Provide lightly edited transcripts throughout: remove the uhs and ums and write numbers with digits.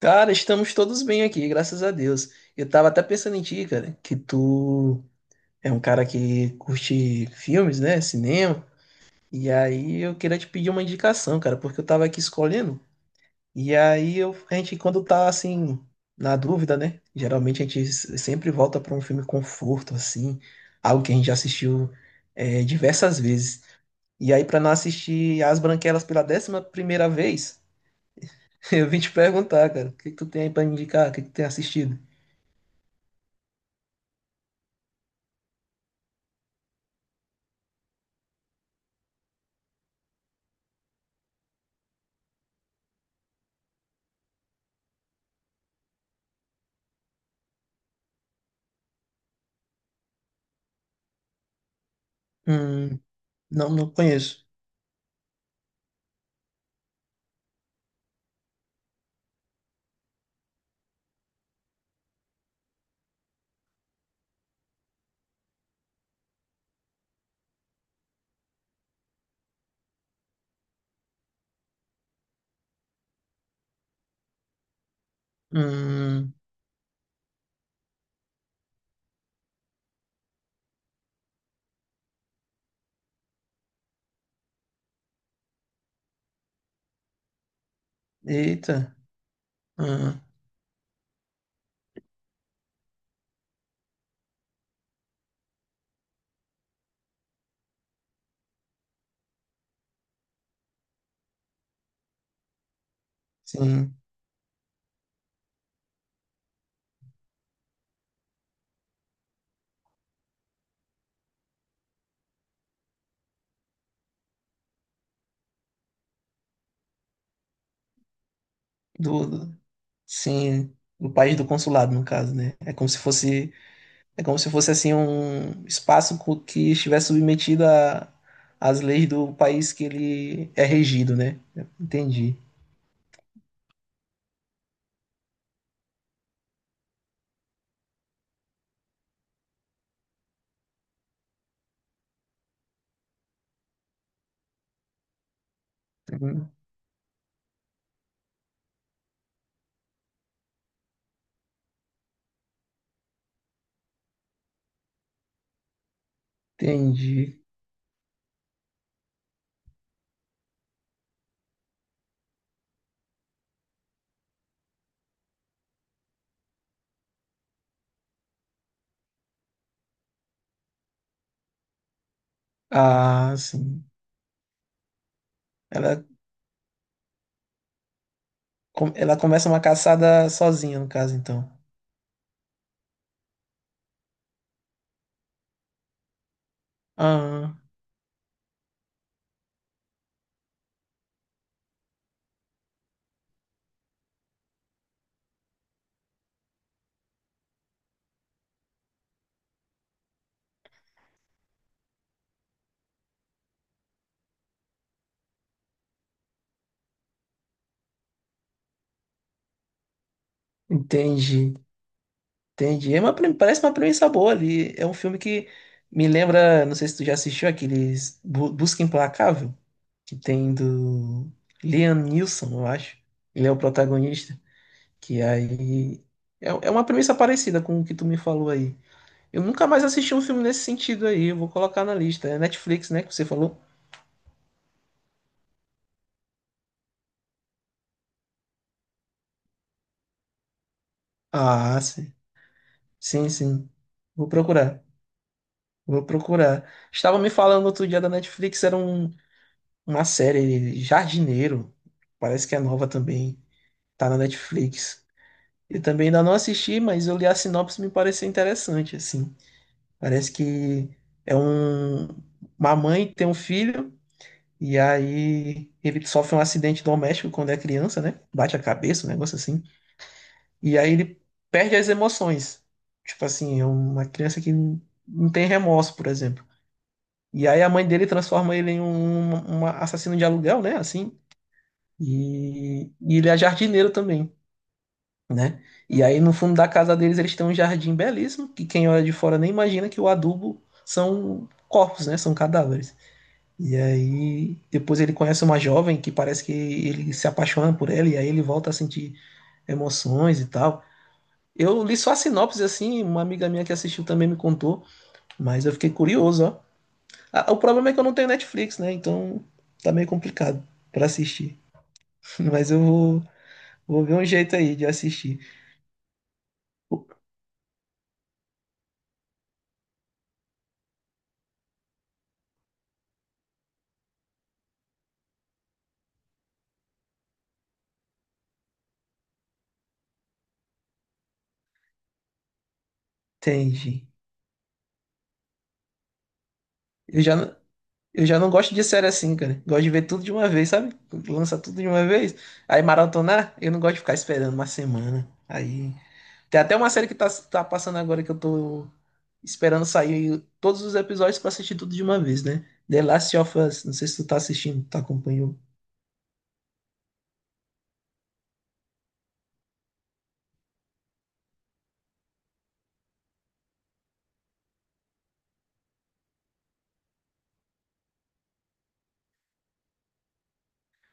Cara, estamos todos bem aqui, graças a Deus. Eu tava até pensando em ti, cara, que tu é um cara que curte filmes, né? Cinema. E aí eu queria te pedir uma indicação, cara, porque eu tava aqui escolhendo. E aí a gente, quando tá assim, na dúvida, né? Geralmente a gente sempre volta pra um filme conforto, assim, algo que a gente já assistiu diversas vezes. E aí, pra não assistir As Branquelas pela décima primeira vez, eu vim te perguntar, cara, o que que tu tem aí pra me indicar? O que que tu tem assistido? Hum, não conheço. Hum, eita. Hum, sim. Do, do- sim, do país do consulado, no caso, né? É como se fosse assim um espaço que estivesse submetido às leis do país que ele é regido, né? Entendi. Hum, Entendi. Ah, sim. Ela, ela começa uma caçada sozinha, no caso, então. Ah, entendi. Entendi. É uma, parece uma premissa boa ali. É um filme que me lembra, não sei se tu já assistiu aqueles Busca Implacável, que tem do Liam Neeson, eu acho. Ele é o protagonista. Que aí é uma premissa parecida com o que tu me falou aí. Eu nunca mais assisti um filme nesse sentido aí. Eu vou colocar na lista. É Netflix, né, que você falou? Ah, sim. Sim, sim. Vou procurar. Vou procurar. Estava me falando outro dia da Netflix, era uma série Jardineiro, parece que é nova também, tá na Netflix. Eu também ainda não assisti, mas eu li a sinopse e me pareceu interessante, assim. Parece que é um, uma mãe que tem um filho e aí ele sofre um acidente doméstico quando é criança, né? Bate a cabeça, um negócio assim. E aí ele perde as emoções. Tipo assim, é uma criança que não tem remorso, por exemplo. E aí a mãe dele transforma ele em um assassino de aluguel, né? Assim. E ele é jardineiro também, né? E aí no fundo da casa deles eles têm um jardim belíssimo, que quem olha de fora nem imagina que o adubo são corpos, né? São cadáveres. E aí depois ele conhece uma jovem que parece que ele se apaixona por ela e aí ele volta a sentir emoções e tal. Eu li só a sinopse assim, uma amiga minha que assistiu também me contou, mas eu fiquei curioso, ó. Ah, o problema é que eu não tenho Netflix, né? Então tá meio complicado pra assistir. Mas eu vou, vou ver um jeito aí de assistir. Entendi. Eu já, não- eu já não gosto de série assim, cara. Gosto de ver tudo de uma vez, sabe? Lança tudo de uma vez. Aí maratonar, eu não gosto de ficar esperando uma semana. Aí. Tem até uma série que tá passando agora que eu tô esperando sair todos os episódios pra assistir tudo de uma vez, né? The Last of Us. Não sei se tu tá assistindo, tu acompanhou.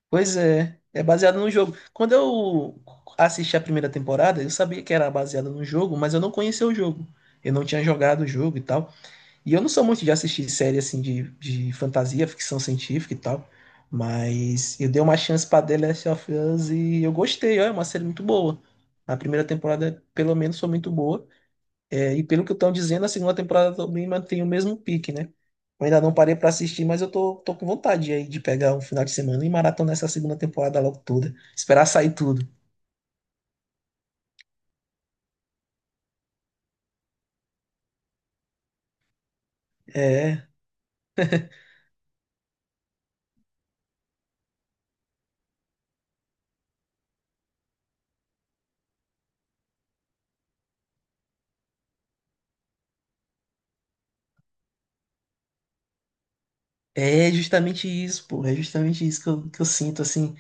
Pois é, é baseado no jogo. Quando eu assisti a primeira temporada, eu sabia que era baseado no jogo, mas eu não conhecia o jogo. Eu não tinha jogado o jogo e tal. E eu não sou muito de assistir série assim de fantasia, ficção científica e tal. Mas eu dei uma chance pra The Last of Us e eu gostei, ó, é uma série muito boa. A primeira temporada, pelo menos, foi muito boa. É, e pelo que estão dizendo, a segunda temporada também mantém o mesmo pique, né? Eu ainda não parei pra assistir, mas tô com vontade aí de pegar um final de semana e maratonar essa segunda temporada logo toda. Esperar sair tudo. É. É justamente isso, pô. É justamente isso que eu sinto, assim.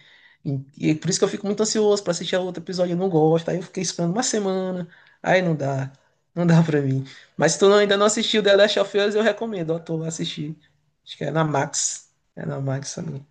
E por isso que eu fico muito ansioso pra assistir a outro episódio. Eu não gosto. Aí eu fiquei esperando uma semana. Aí não dá. Não dá pra mim. Mas se tu não- ainda não assistiu The Last of Us, eu recomendo. Ó, tu vai assistir. Acho que é na Max. É na Max também.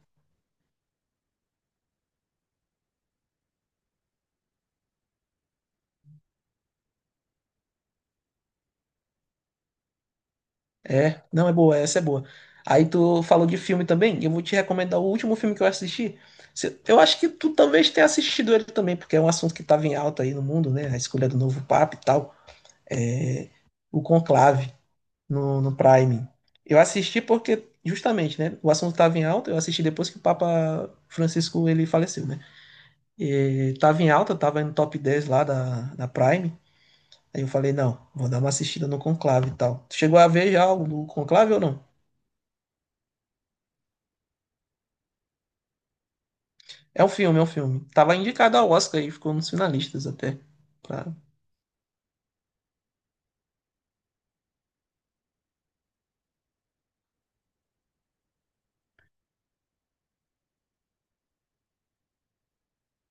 É. Não, é boa. Essa é boa. Aí tu falou de filme também. Eu vou te recomendar o último filme que eu assisti. Eu acho que tu talvez tenha assistido ele também, porque é um assunto que estava em alta aí no mundo, né? A escolha do novo Papa e tal. É, o Conclave no Prime. Eu assisti porque, justamente, né? O assunto estava em alta, eu assisti depois que o Papa Francisco ele faleceu, né? E tava em alta, tava no top 10 lá da Prime. Aí eu falei, não, vou dar uma assistida no Conclave e tal. Tu chegou a ver já algo do Conclave ou não? É um filme. Tava indicado ao Oscar e ficou nos finalistas até. Pra,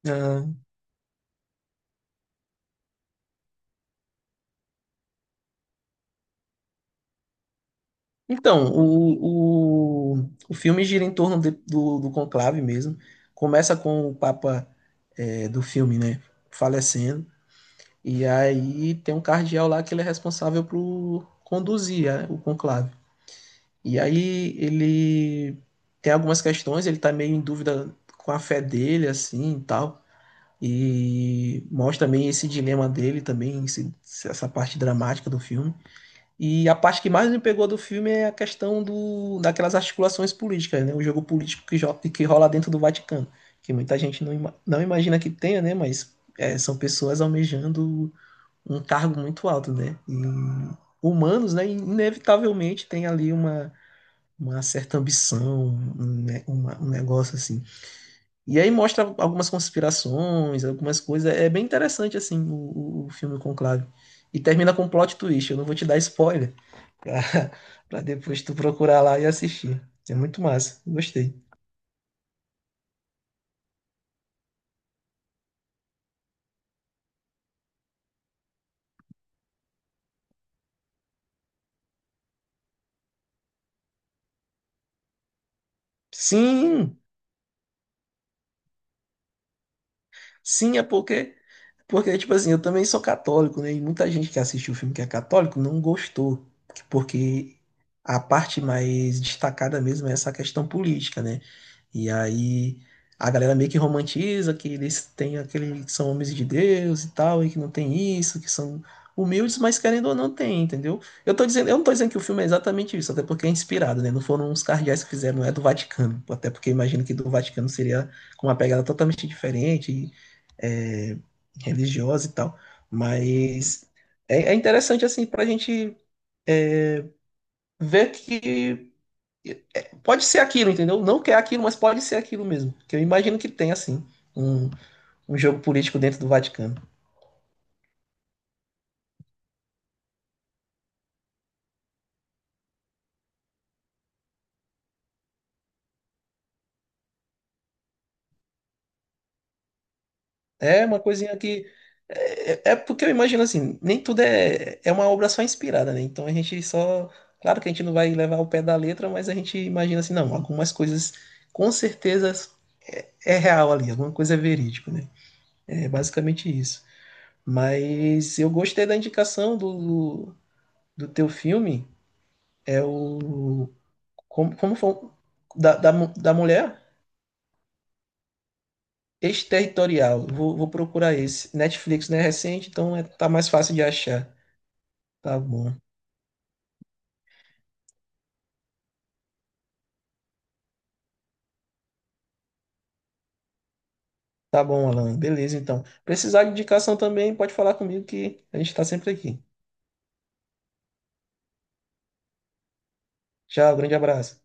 ah, então, o filme gira em torno do, do conclave mesmo. Começa com o Papa é, do filme, né, falecendo. E aí tem um cardeal lá que ele é responsável por conduzir é, o conclave. E aí ele tem algumas questões, ele tá meio em dúvida com a fé dele, assim, e tal. E mostra também esse dilema dele também, essa parte dramática do filme. E a parte que mais me pegou do filme é a questão daquelas articulações políticas, né? O jogo político que, que rola dentro do Vaticano, que muita gente não, não imagina que tenha, né? Mas é, são pessoas almejando um cargo muito alto, né? E humanos, né? Inevitavelmente tem ali uma certa ambição, um, um negócio assim. E aí mostra algumas conspirações, algumas coisas. É bem interessante, assim, o o filme Conclave. E termina com um plot twist. Eu não vou te dar spoiler pra, pra depois tu procurar lá e assistir. É muito massa, gostei. Sim, sim, é porque, porque, tipo assim, eu também sou católico, né? E muita gente que assistiu o filme que é católico não gostou, porque a parte mais destacada mesmo é essa questão política, né? E aí a galera meio que romantiza que eles têm aquele, que são homens de Deus e tal, e que não tem isso, que são humildes, mas querendo ou não tem, entendeu? Eu tô dizendo, eu não tô dizendo que o filme é exatamente isso, até porque é inspirado, né? Não foram uns cardeais que fizeram, não é do Vaticano, até porque imagino que do Vaticano seria com uma pegada totalmente diferente é, religiosa e tal. Mas é, é interessante, assim, pra gente ver que é, pode ser aquilo, entendeu? Não que é aquilo, mas pode ser aquilo mesmo. Que eu imagino que tem, assim, um, um jogo político dentro do Vaticano. É uma coisinha que. É, é porque eu imagino assim, nem tudo é, é uma obra só inspirada, né? Então a gente só. Claro que a gente não vai levar ao pé da letra, mas a gente imagina assim, não, algumas coisas com certeza é, é real ali, alguma coisa é verídico, né? É basicamente isso. Mas eu gostei da indicação do do teu filme. É o. Como, como foi? O- da mulher? Exterritorial. Vou procurar esse. Netflix, né? É recente, então é, tá mais fácil de achar. Tá bom. Tá bom, Alan. Beleza, então. Precisar de indicação também, pode falar comigo que a gente tá sempre aqui. Tchau, grande abraço.